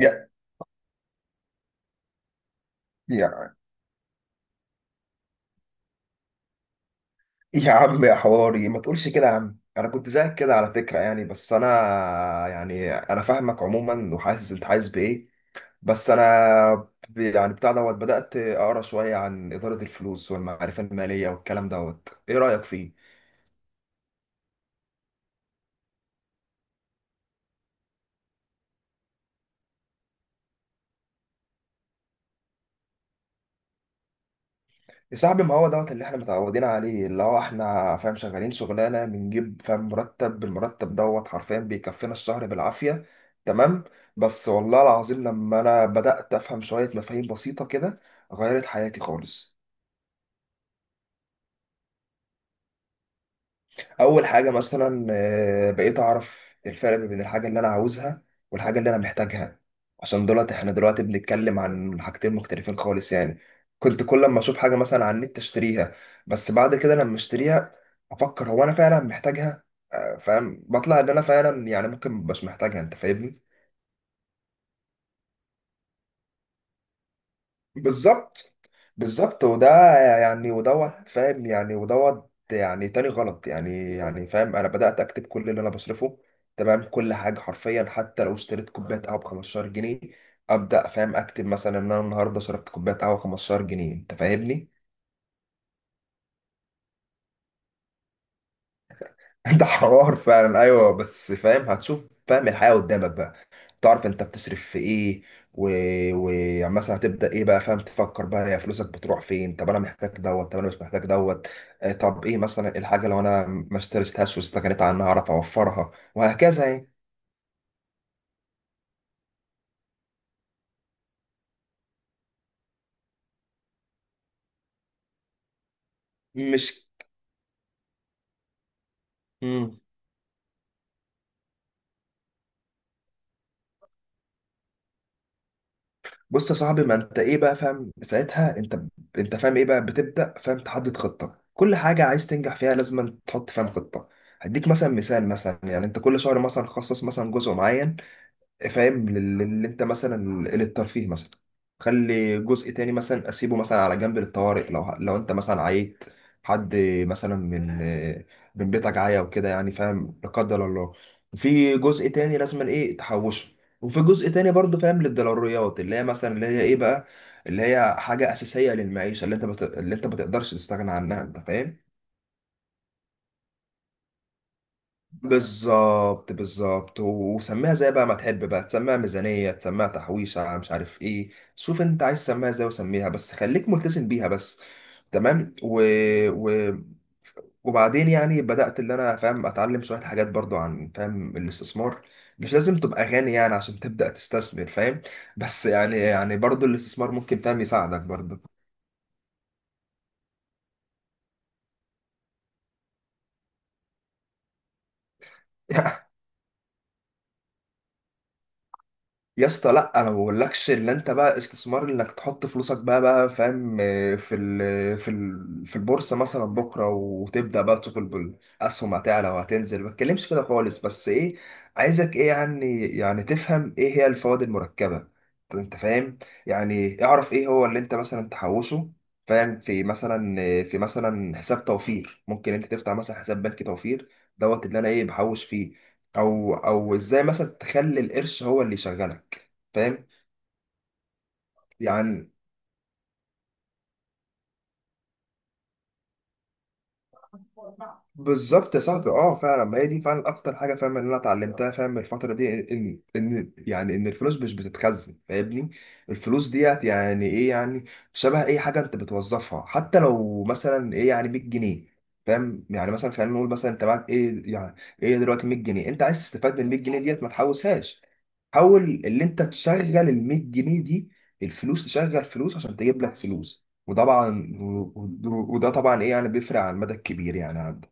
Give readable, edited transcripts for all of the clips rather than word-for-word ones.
يا يا يا عم يا حواري، ما تقولش كده يا عم. انا كنت زيك كده على فكره يعني، بس انا يعني انا فاهمك عموما، وحاسس انت عايز بايه. بس انا يعني بتاع دوت، بدات اقرا شويه عن اداره الفلوس والمعرفه الماليه والكلام دوت. ايه رايك فيه؟ يا صاحبي، ما هو دوت اللي احنا متعودين عليه، اللي هو احنا فاهم شغالين شغلانه بنجيب فاهم مرتب، بالمرتب دوت حرفيا بيكفينا الشهر بالعافيه. تمام. بس والله العظيم لما انا بدأت افهم شويه مفاهيم بسيطه كده، غيرت حياتي خالص. اول حاجه مثلا آه، بقيت اعرف الفرق ما بين الحاجه اللي انا عاوزها والحاجه اللي انا محتاجها. عشان دلوقتي احنا دلوقتي بنتكلم عن حاجتين مختلفين خالص يعني. كنت كل ما اشوف حاجه مثلا على النت اشتريها، بس بعد كده لما اشتريها افكر هو انا فعلا محتاجها، آه، فاهم، بطلع ان انا فعلا يعني ممكن مش محتاجها، انت فاهمني؟ بالظبط بالظبط، وده يعني ودوت فاهم، يعني ودوت يعني تاني غلط يعني، يعني فاهم، انا بدأت اكتب كل اللي انا بصرفه. تمام، كل حاجة حرفيا، حتى لو اشتريت كوباية قهوة ب 15 جنيه، ابدأ فاهم اكتب مثلا ان انا النهارده صرفت كوباية قهوة 15 جنيه، انت فاهمني؟ ده حوار فعلا، ايوه بس فاهم هتشوف فاهم الحياة قدامك بقى. تعرف انت بتصرف في ايه. ومثلا يعني مثلا هتبدا ايه بقى، فاهم تفكر بقى يا فلوسك بتروح فين. طب انا محتاج دوت، طب انا مش محتاج دوت. آه، طب ايه مثلا الحاجه، لو انا ما اشتريتهاش واستغنيت عنها اعرف اوفرها، وهكذا يعني. مش امم بص يا صاحبي، ما انت ايه بقى فاهم ساعتها، انت فاهم ايه بقى، بتبدا فاهم تحدد خطه. كل حاجه عايز تنجح فيها لازم تحط فاهم خطه. هديك مثلا مثال، مثلا يعني انت كل شهر مثلا خصص مثلا جزء معين فاهم اللي انت مثلا للترفيه مثلا. خلي جزء تاني مثلا اسيبه مثلا على جنب للطوارئ، لو انت مثلا عيت، حد مثلا من بيتك عيا وكده يعني فاهم لا قدر الله. في جزء تاني لازم ايه تحوشه، وفي جزء تاني برضه فاهم للضروريات اللي هي مثلا اللي هي ايه بقى، اللي هي حاجة أساسية للمعيشة، اللي انت اللي انت ما تقدرش تستغنى عنها، انت فاهم. بالظبط بالظبط، وسميها زي بقى ما تحب بقى، تسميها ميزانية، تسميها تحويشة، مش عارف ايه. شوف انت عايز تسميها ازاي وسميها، بس خليك ملتزم بيها بس. تمام، و... وبعدين يعني بدأت اللي انا فاهم اتعلم شوية حاجات برضو عن فاهم الاستثمار. مش لازم تبقى غني يعني عشان تبدأ تستثمر فاهم. بس يعني يعني برضو الاستثمار ممكن فاهم يساعدك برضو. يا اسطى، لا انا ما بقولكش ان انت بقى استثمار انك تحط فلوسك بقى بقى فاهم آه، في البورصه مثلا بكره، وتبدا بقى تشوف الاسهم هتعلى وهتنزل. ما بتكلمش كده خالص، بس ايه، عايزك ايه يعني يعني تفهم ايه هي الفوائد المركبه. طب انت فاهم يعني، اعرف ايه هو اللي انت مثلا تحوشه فاهم. في مثلا آه، في مثلا حساب توفير، ممكن انت تفتح مثلا حساب بنكي توفير دوت اللي انا ايه بحوش فيه. او ازاي مثلا تخلي القرش هو اللي يشغلك فاهم يعني. بالظبط يا صاحبي، اه فعلا، ما هي دي فعلا اكتر حاجه فاهم اللي انا اتعلمتها فاهم من الفتره دي، ان يعني ان الفلوس مش بتتخزن فاهمني. الفلوس ديت يعني ايه يعني، شبه اي حاجه انت بتوظفها. حتى لو مثلا ايه يعني 100 جنيه، فاهم يعني مثلا خلينا نقول مثلا انت معاك ايه يعني، ايه دلوقتي 100 جنيه، انت عايز تستفاد من ال 100 جنيه ديت ما تحوشهاش. حاول اللي انت تشغل ال 100 جنيه دي. الفلوس تشغل فلوس عشان تجيب لك فلوس. وطبعا وده طبعا ايه يعني بيفرق على المدى الكبير يعني عندك.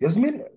يا زميلي،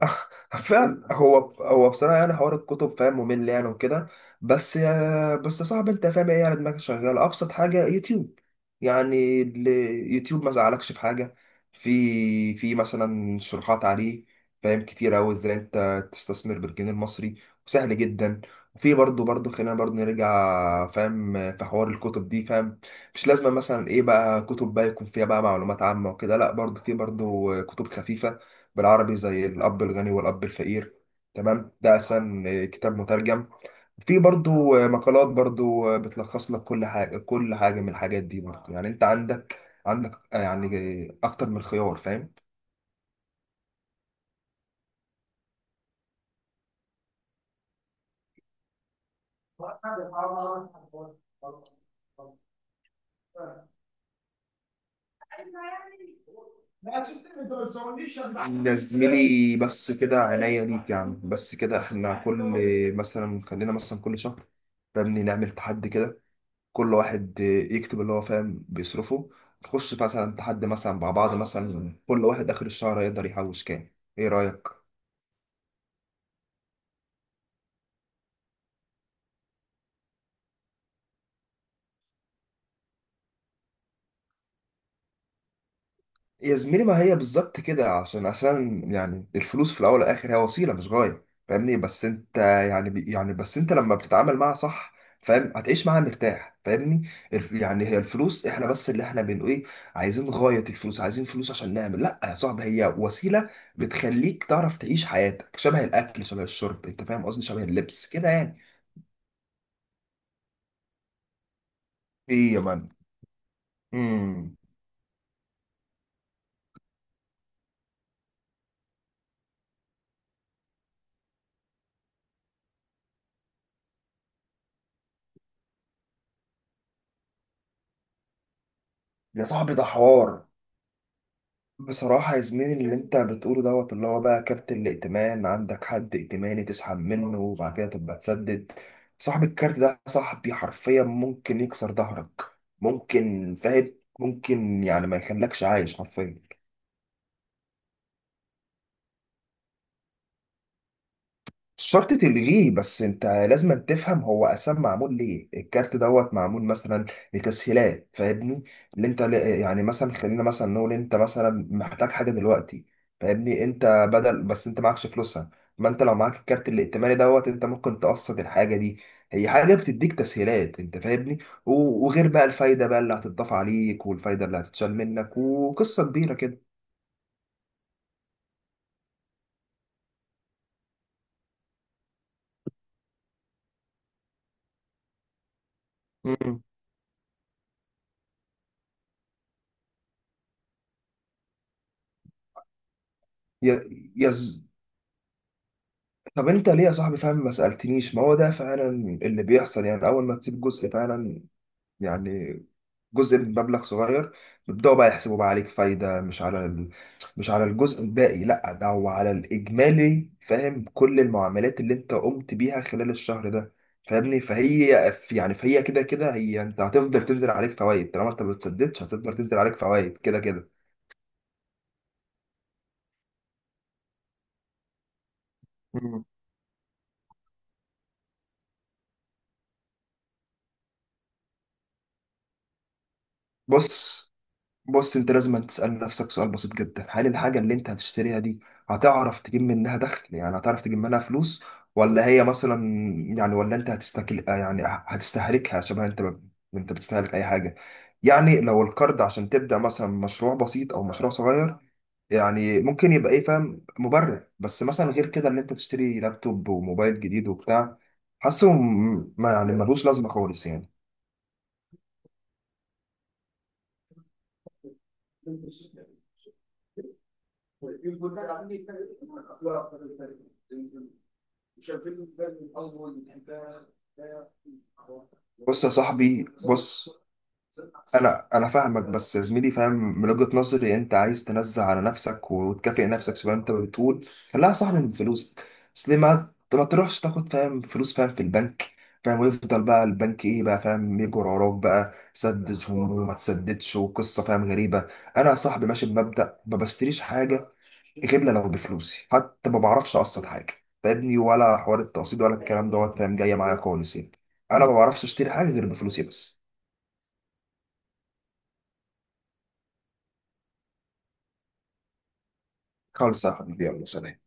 فعلا، هو بصراحه يعني حوار الكتب فاهم ممل يعني وكده. بس يا صاحبي، انت فاهم ايه يعني دماغك شغاله. ابسط حاجه يوتيوب يعني يوتيوب، ما زعلكش في حاجه. في مثلا شروحات عليه فاهم كتير قوي ازاي انت تستثمر بالجنيه المصري، وسهل جدا. وفي برضه برضه خلينا برضه نرجع فاهم في حوار الكتب دي فاهم. مش لازم مثلا ايه بقى كتب بقى يكون فيها بقى معلومات عامه وكده، لا برضه في برضه كتب خفيفه بالعربي، زي الأب الغني والأب الفقير. تمام، ده أحسن آه، كتاب مترجم. في برضو آه، مقالات برضو آه، بتلخص لك كل حاجة، كل حاجة من الحاجات دي برضو يعني. أنت عندك آه، يعني آه، أكتر من خيار فاهم. يا زميلي، بس كده عينيا ليك يعني. بس كده احنا كل، مثلا خلينا مثلا كل شهر فاهمني نعمل تحدي كده. كل واحد يكتب اللي هو فاهم بيصرفه. نخش مثلا تحدي مثلا مع بعض، مثلا كل واحد آخر الشهر هيقدر يحوش كام، ايه رأيك؟ يا زميلي، ما هي بالظبط كده. عشان يعني الفلوس في الاول والاخر هي وسيله، مش غايه، فاهمني. بس انت يعني يعني بس انت لما بتتعامل معاها صح فاهم هتعيش معاها مرتاح فاهمني. يعني هي الفلوس، احنا بس اللي احنا بنقول ايه، عايزين غايه الفلوس. عايزين فلوس عشان نعمل، لا يا صاحبي، هي وسيله بتخليك تعرف تعيش حياتك، شبه الاكل شبه الشرب، انت فاهم قصدي، شبه اللبس كده يعني. ايه يا مان؟ امم. يا صاحبي، ده حوار. بصراحة يا زميلي، اللي انت بتقوله دوت، اللي هو بقى كارت الائتمان، عندك حد ائتماني تسحب منه، وبعد كده تبقى تسدد. صاحب الكارت ده صاحبي حرفيا ممكن يكسر ظهرك. ممكن فاهم، ممكن يعني ما يخلكش عايش حرفيا. مش شرط تلغيه، بس انت لازم تفهم هو اساسا معمول ليه. الكارت دوت معمول مثلا لتسهيلات فاهمني. اللي انت يعني مثلا خلينا مثلا نقول انت مثلا محتاج حاجه دلوقتي فاهمني. انت بدل بس انت معكش فلوسها، ما انت لو معاك الكارت الائتماني دوت انت ممكن تقسط الحاجه دي. هي حاجه بتديك تسهيلات، انت فاهمني. وغير بقى الفايده بقى اللي هتضاف عليك والفايده اللي هتتشال منك، وقصه كبيره كده. مم. يا، طب انت ليه يا صاحبي فاهم ما سألتنيش؟ ما هو ده فعلا اللي بيحصل يعني. اول ما تسيب جزء فعلا يعني، جزء من مبلغ صغير، بيبدأوا بقى يحسبوا بقى عليك فايدة، مش على مش على الجزء الباقي، لا ده هو على الإجمالي فاهم، كل المعاملات اللي انت قمت بيها خلال الشهر ده فاهمني. فهي كده كده، هي انت هتفضل تنزل عليك فوائد، طالما انت ما بتسددش هتفضل تنزل عليك فوائد كده كده. مم. بص بص، انت لازم تسأل نفسك سؤال بسيط جدا: هل الحاجة اللي انت هتشتريها دي هتعرف تجيب منها دخل، يعني هتعرف تجيب منها فلوس، ولا هي مثلا يعني، ولا انت هتستكل آه يعني هتستهلكها شبه انت ما، انت بتستهلك اي حاجة يعني. لو القرض عشان تبدأ مثلا مشروع بسيط او مشروع صغير يعني، ممكن يبقى ايه فاهم مبرر. بس مثلا غير كده ان انت تشتري لابتوب وموبايل جديد وبتاع، حاسه ما يعني ملوش لازمة خالص يعني. بص يا صاحبي بص، انا فاهمك. بس يا زميلي فاهم، من وجهة نظري انت عايز تنزع على نفسك وتكافئ نفسك زي ما انت بتقول، خليها صح من فلوسك. بس ليه ما تروحش تاخد فاهم فلوس فاهم في البنك فاهم، ويفضل بقى البنك ايه بقى فاهم يجر وراك بقى، سدد وما تسددش، وقصه فاهم غريبه. انا يا صاحبي ماشي بمبدأ: ما بشتريش حاجه غير لو بفلوسي. حتى ما بعرفش اقسط حاجه فاهمني، ولا حوار التقسيط ولا الكلام دوت فاهم جايه معايا خالص يعني. انا ما بعرفش اشتري حاجه غير بفلوسي بس. خالص يا حبيبي، يلا سلام.